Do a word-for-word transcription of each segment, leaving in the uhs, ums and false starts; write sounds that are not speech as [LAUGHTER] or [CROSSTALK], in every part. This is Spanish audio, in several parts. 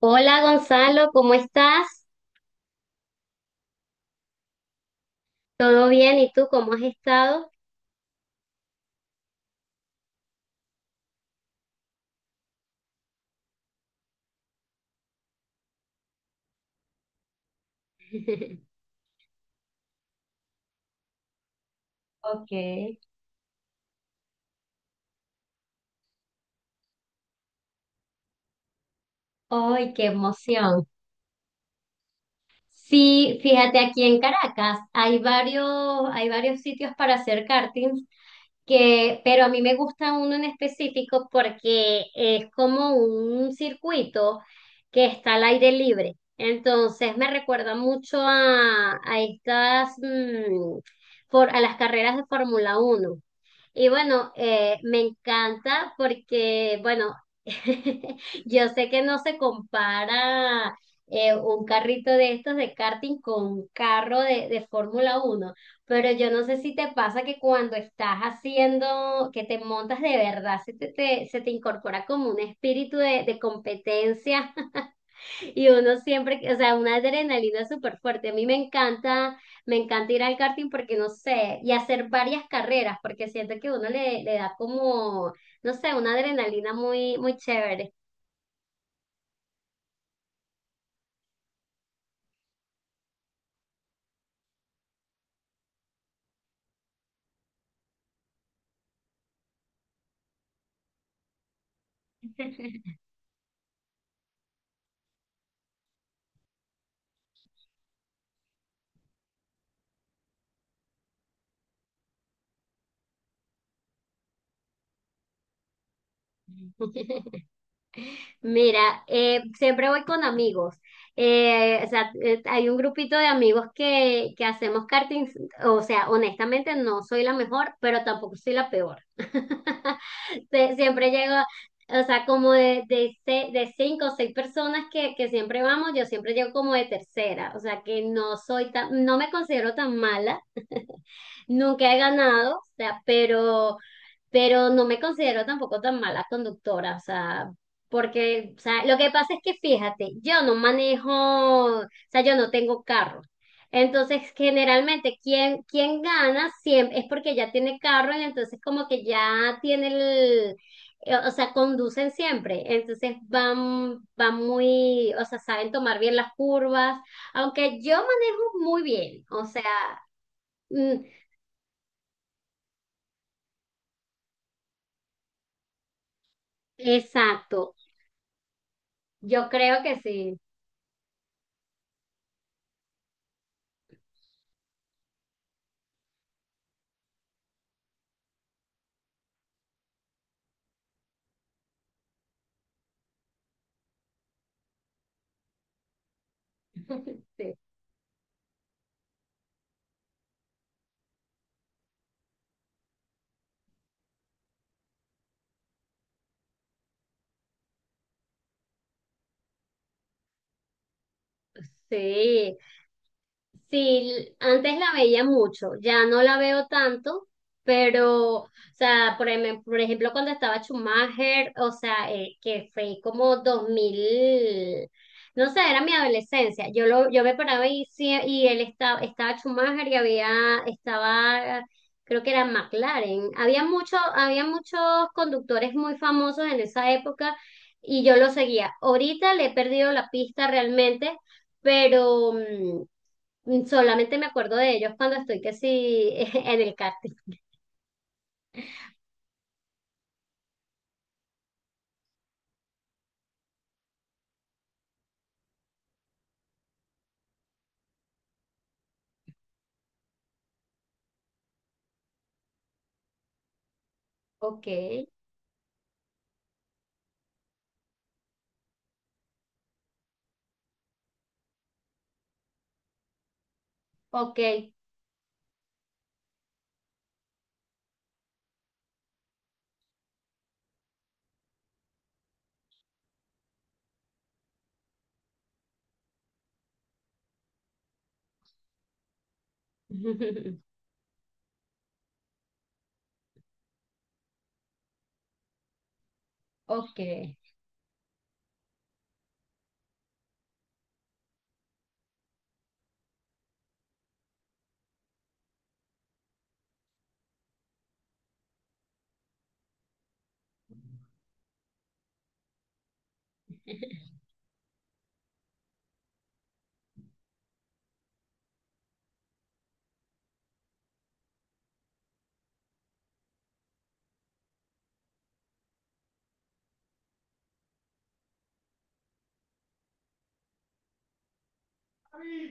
Hola Gonzalo, ¿cómo estás? ¿Todo bien? ¿Y tú cómo has estado? [LAUGHS] Ok. ¡Ay, qué emoción! Sí, fíjate, aquí en Caracas hay varios, hay varios sitios para hacer karting que, pero a mí me gusta uno en específico porque es como un circuito que está al aire libre. Entonces me recuerda mucho a, a estas, mm, for- a las carreras de Fórmula Uno. Y bueno, eh, me encanta porque, bueno, [LAUGHS] yo sé que no se compara eh, un carrito de estos de karting con un carro de, de Fórmula uno, pero yo no sé si te pasa que cuando estás haciendo, que te montas de verdad, se te, te- se te incorpora como un espíritu de, de competencia. Y uno siempre, o sea, una adrenalina súper fuerte. A mí me encanta, me encanta ir al karting porque no sé, y hacer varias carreras, porque siento que uno le, le da como, no sé, una adrenalina muy, muy chévere. [LAUGHS] Mira, eh, siempre voy con amigos. Eh, o sea, eh, hay un grupito de amigos que, que hacemos karting. O sea, honestamente no soy la mejor, pero tampoco soy la peor. [LAUGHS] Sie- Siempre llego, o sea, como de, de, se- de cinco o seis personas que, que siempre vamos, yo siempre llego como de tercera. O sea, que no soy tan, no me considero tan mala. Nunca he ganado, o sea, pero pero no me considero tampoco tan mala conductora, o sea, porque, o sea, lo que pasa es que fíjate, yo no manejo, o sea, yo no tengo carro. Entonces, generalmente, quien, quien gana siempre es porque ya tiene carro y entonces como que ya tiene el, eh, o sea, conducen siempre. Entonces van, van muy, o sea, saben tomar bien las curvas, aunque yo manejo muy bien, o sea, mm, exacto, yo creo que sí. [LAUGHS] Sí. Sí, sí, antes la veía mucho, ya no la veo tanto, pero, o sea, por, em- por ejemplo, cuando estaba Schumacher, o sea, eh, que fue como dos mil, no sé, era mi adolescencia, yo lo, yo me paraba, y, sí- y él estaba, estaba Schumacher y había, estaba, creo que era McLaren, había mucho, había muchos conductores muy famosos en esa época y yo lo seguía. Ahorita le he perdido la pista realmente, pero mm, solamente me acuerdo de ellos cuando estoy que sí [LAUGHS] en el karting. Ok. Ok. [LAUGHS] Ok.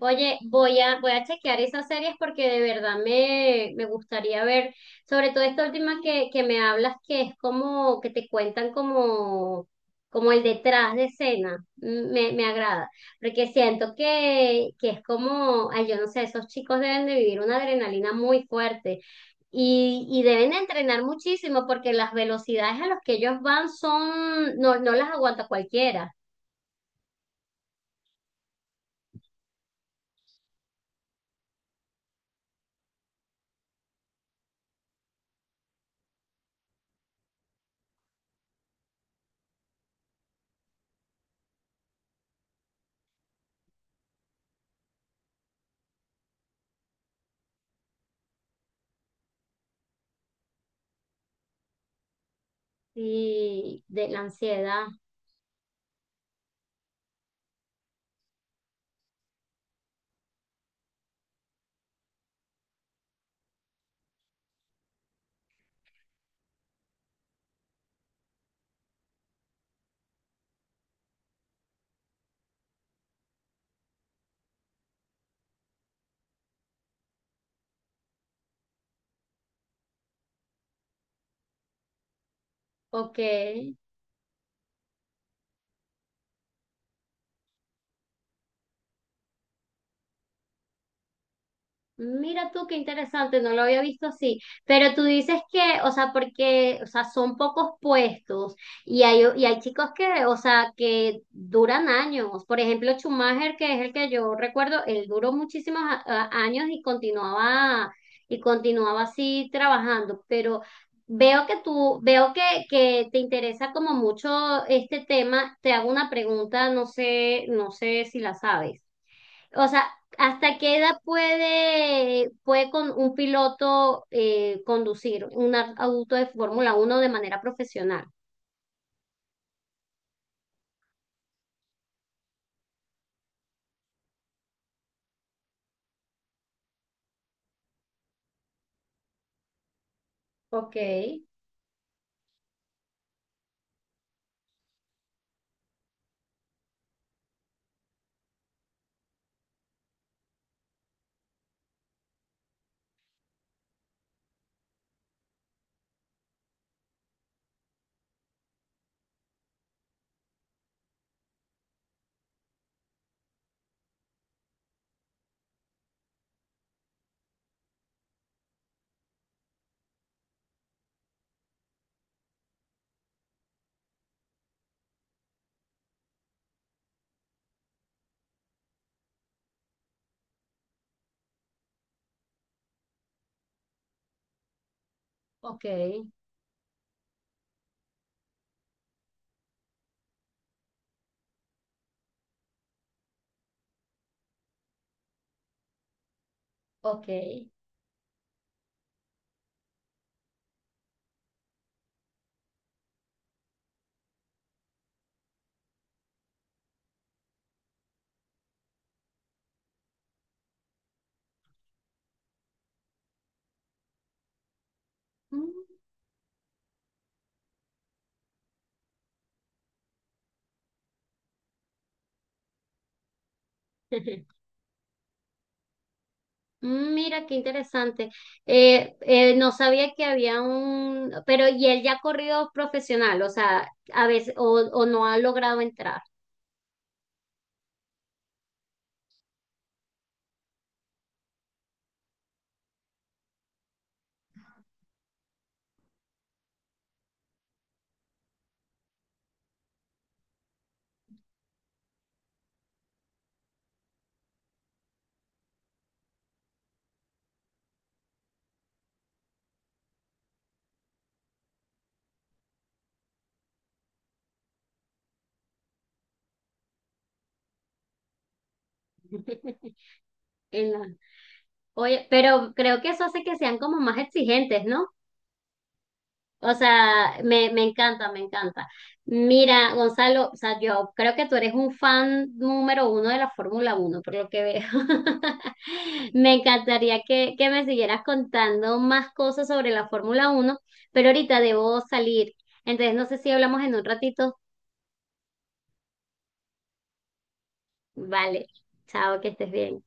Oye, voy a, voy a chequear esas series porque de verdad me, me gustaría ver, sobre todo esta última que, que me hablas, que es como que te cuentan como, como el detrás de escena. Mm, me, me agrada, porque siento que, que es como, ay, yo no sé, esos chicos deben de vivir una adrenalina muy fuerte y, y deben de entrenar muchísimo porque las velocidades a las que ellos van son, no, no las aguanta cualquiera, y de la ansiedad. Ok. Mira tú qué interesante, no lo había visto así, pero tú dices que, o sea, porque, o sea, son pocos puestos y hay, y hay chicos que, o sea, que duran años. Por ejemplo, Schumacher, que es el que yo recuerdo, él duró muchísimos a- a- años y continuaba y continuaba así trabajando, pero veo que tú, veo que, que te interesa como mucho este tema. Te hago una pregunta, no sé, no sé si la sabes. O sea, ¿hasta qué edad puede, puede con un piloto eh, conducir un ar- auto de Fórmula uno de manera profesional? Ok. Ok. Ok. Mm. [LAUGHS] Mira, qué interesante. Eh, eh, no sabía que había un, pero y él ya ha corrido profesional, o sea, a veces, o, o no ha logrado entrar. [LAUGHS] en la- Oye, pero creo que eso hace que sean como más exigentes, ¿no? O sea, me, me encanta, me encanta. Mira, Gonzalo, o sea, yo creo que tú eres un fan número uno de la Fórmula Uno, por lo que veo. [LAUGHS] Me encantaría que, que me siguieras contando más cosas sobre la Fórmula Uno, pero ahorita debo salir. Entonces, no sé si hablamos en un ratito. Vale, chao, que estés bien.